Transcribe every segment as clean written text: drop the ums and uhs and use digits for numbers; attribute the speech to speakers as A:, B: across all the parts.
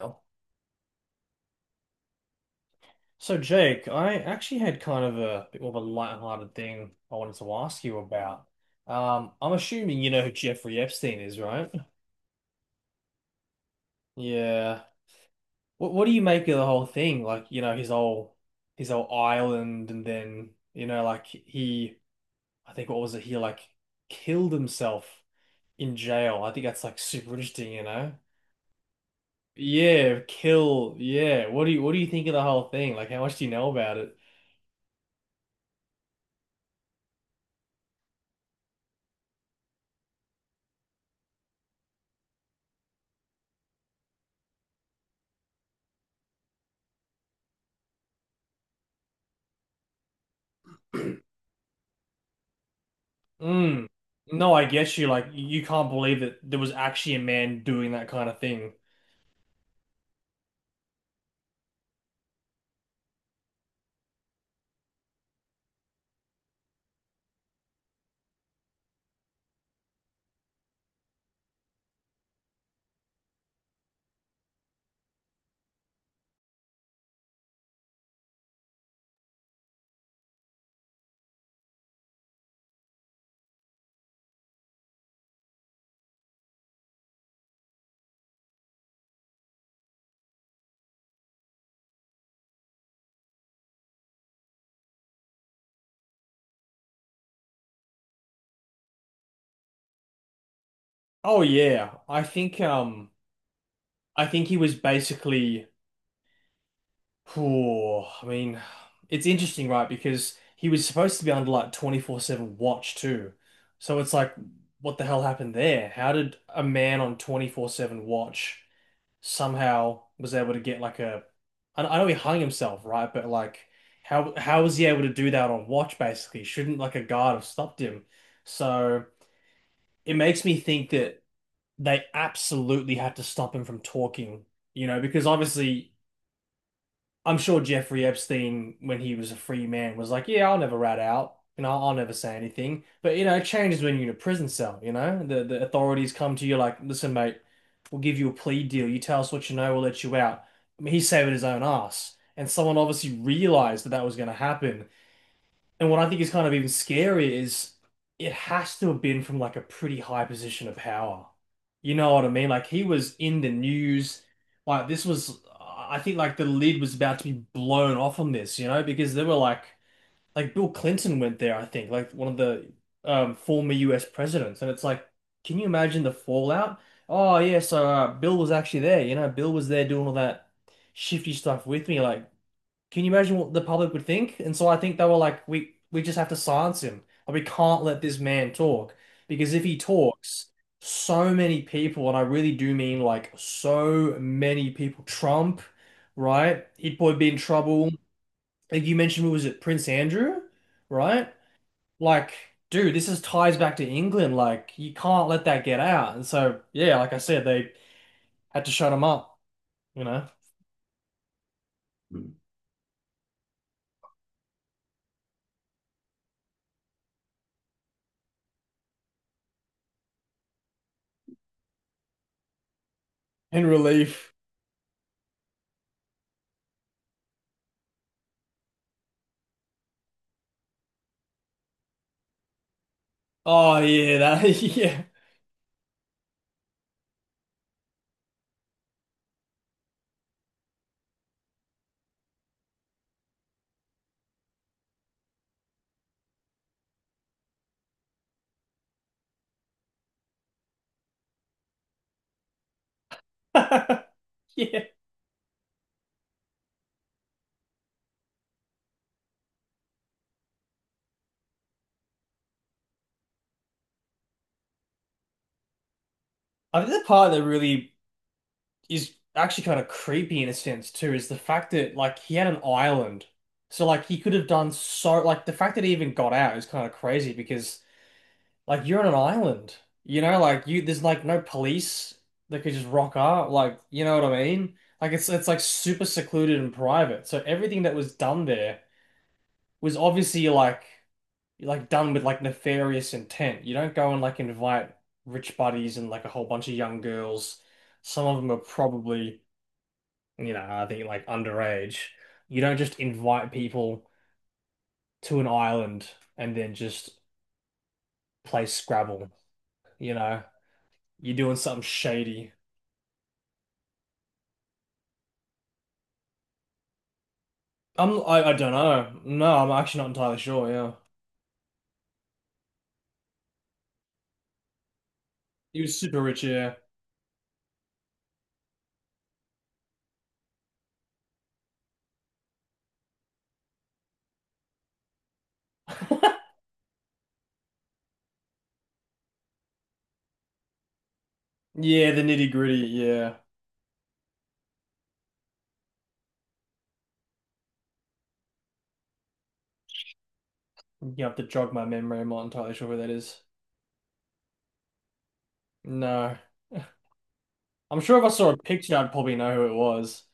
A: Oh. So Jake, I actually had kind of a bit more of a lighthearted thing I wanted to ask you about. I'm assuming you know who Jeffrey Epstein is, right? Yeah. What do you make of the whole thing? Like, you know, his whole island and then, you know, like he I think what was it, he killed himself in jail. I think that's like super interesting, you know? Yeah, kill, yeah. What do you think of the whole thing? Like how much do you know about it? Mm. No, I get you. Like, you can't believe that there was actually a man doing that kind of thing. Oh yeah, I think he was basically. Oh, I mean, it's interesting, right? Because he was supposed to be under like 24/7 watch too. So it's like, what the hell happened there? How did a man on 24/7 watch somehow was able to get like a I know he hung himself, right? But like how was he able to do that on watch basically? Shouldn't like a guard have stopped him? So it makes me think that they absolutely had to stop him from talking, you know, because obviously I'm sure Jeffrey Epstein, when he was a free man, was like, "Yeah, I'll never rat out, you know, I'll never say anything." But you know, it changes when you're in a prison cell. You know, the authorities come to you like, "Listen, mate, we'll give you a plea deal. You tell us what you know, we'll let you out." I mean, he's saving his own ass, and someone obviously realized that that was going to happen, and what I think is kind of even scarier is it has to have been from like a pretty high position of power. You know what I mean? Like he was in the news. Like this was, I think like the lid was about to be blown off on this, you know, because there were like Bill Clinton went there, I think, like one of the former US presidents. And it's like, can you imagine the fallout? Oh yeah, so Bill was actually there, you know, Bill was there doing all that shifty stuff with me. Like, can you imagine what the public would think? And so I think they were like, we just have to silence him. Like, we can't let this man talk because if he talks, so many people, and I really do mean like so many people, Trump, right? He'd probably be in trouble. Like you mentioned, what was it, Prince Andrew, right? Like, dude, this is ties back to England. Like, you can't let that get out. And so, yeah, like I said, they had to shut him up, you know. Mm. In relief. Oh yeah, that yeah. Yeah. I think the part that really is actually kind of creepy in a sense too is the fact that like he had an island. So like he could have done so like the fact that he even got out is kind of crazy because like you're on an island. You know, like you there's like no police that could just rock up. Like, you know what I mean? Like it's like super secluded and private. So everything that was done there was obviously like done with like nefarious intent. You don't go and like invite rich buddies and like a whole bunch of young girls. Some of them are probably, you know, I think like underage. You don't just invite people to an island and then just play Scrabble, you know. You're doing something shady. I don't know. No, I'm actually not entirely sure, yeah. He was super rich, yeah. Yeah, the nitty gritty, yeah. You have to jog my memory. I'm not entirely sure where that is. No. I'm sure if I saw a picture, I'd probably know who it was.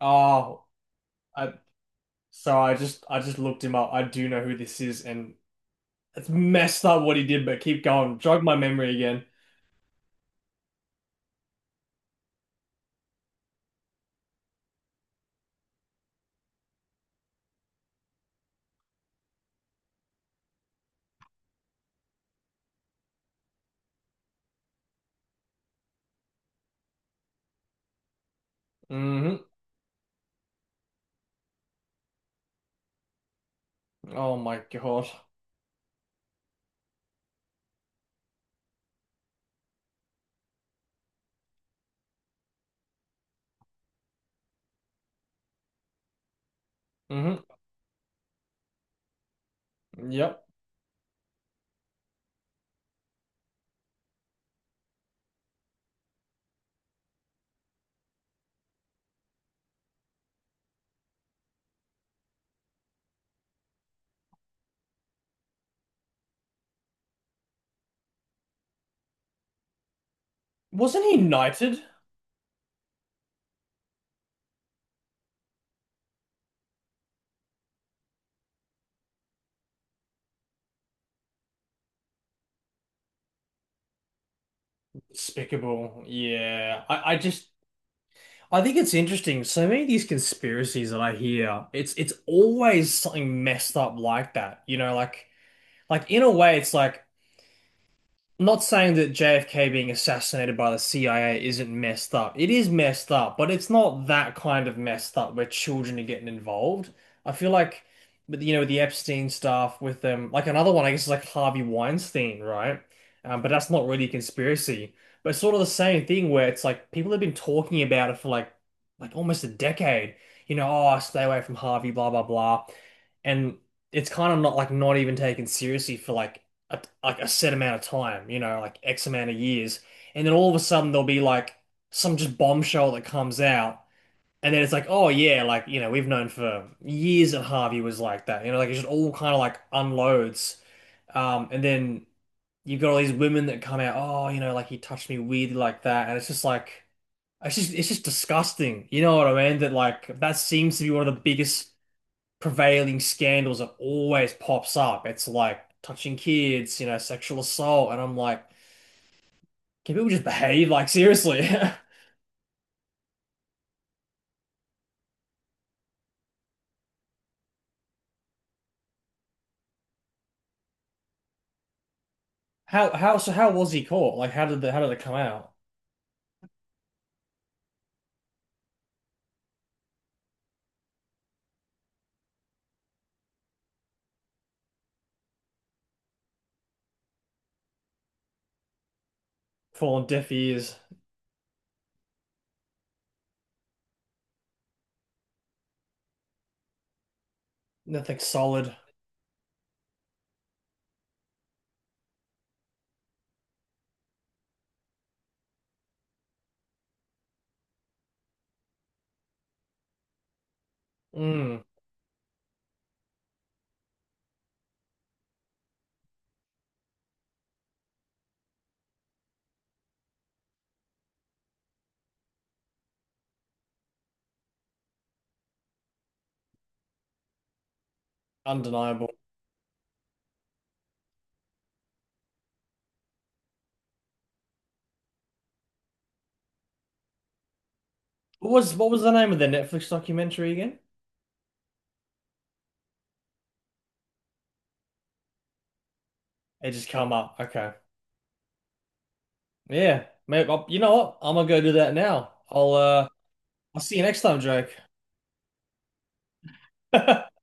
A: Oh, I so I just looked him up. I do know who this is, and it's messed up what he did. But keep going, jog my memory again. Hmm. Oh my God. Hmm. Yep. Wasn't he knighted? Despicable. Yeah. I just I think it's interesting. So many of these conspiracies that I hear, it's always something messed up like that. You know, like in a way, it's like. Not saying that JFK being assassinated by the CIA isn't messed up. It is messed up, but it's not that kind of messed up where children are getting involved. I feel like, with you know, with the Epstein stuff, with them, like another one, I guess, is like Harvey Weinstein, right? But that's not really a conspiracy. But it's sort of the same thing where it's like people have been talking about it for like almost a decade. You know, oh, stay away from Harvey, blah blah blah, and it's kind of not like not even taken seriously for like like a set amount of time, you know, like X amount of years, and then all of a sudden there'll be like some just bombshell that comes out, and then it's like, oh yeah, like you know, we've known for years that Harvey was like that, you know, like it just all kind of like unloads, and then you've got all these women that come out, oh, you know, like he touched me weirdly like that, and it's just like. It's just disgusting. You know what I mean? That like that seems to be one of the biggest prevailing scandals that always pops up. It's like touching kids, you know, sexual assault, and I'm like, can people just behave? Like seriously, how so how was he caught? Like how did the how did it come out? Fall on deaf ears, nothing solid. Mm, undeniable. What was the name of the Netflix documentary again? It just come up. Okay, yeah, maybe I'll, you know what? I'm gonna go do that now. I'll see you next time, Jake.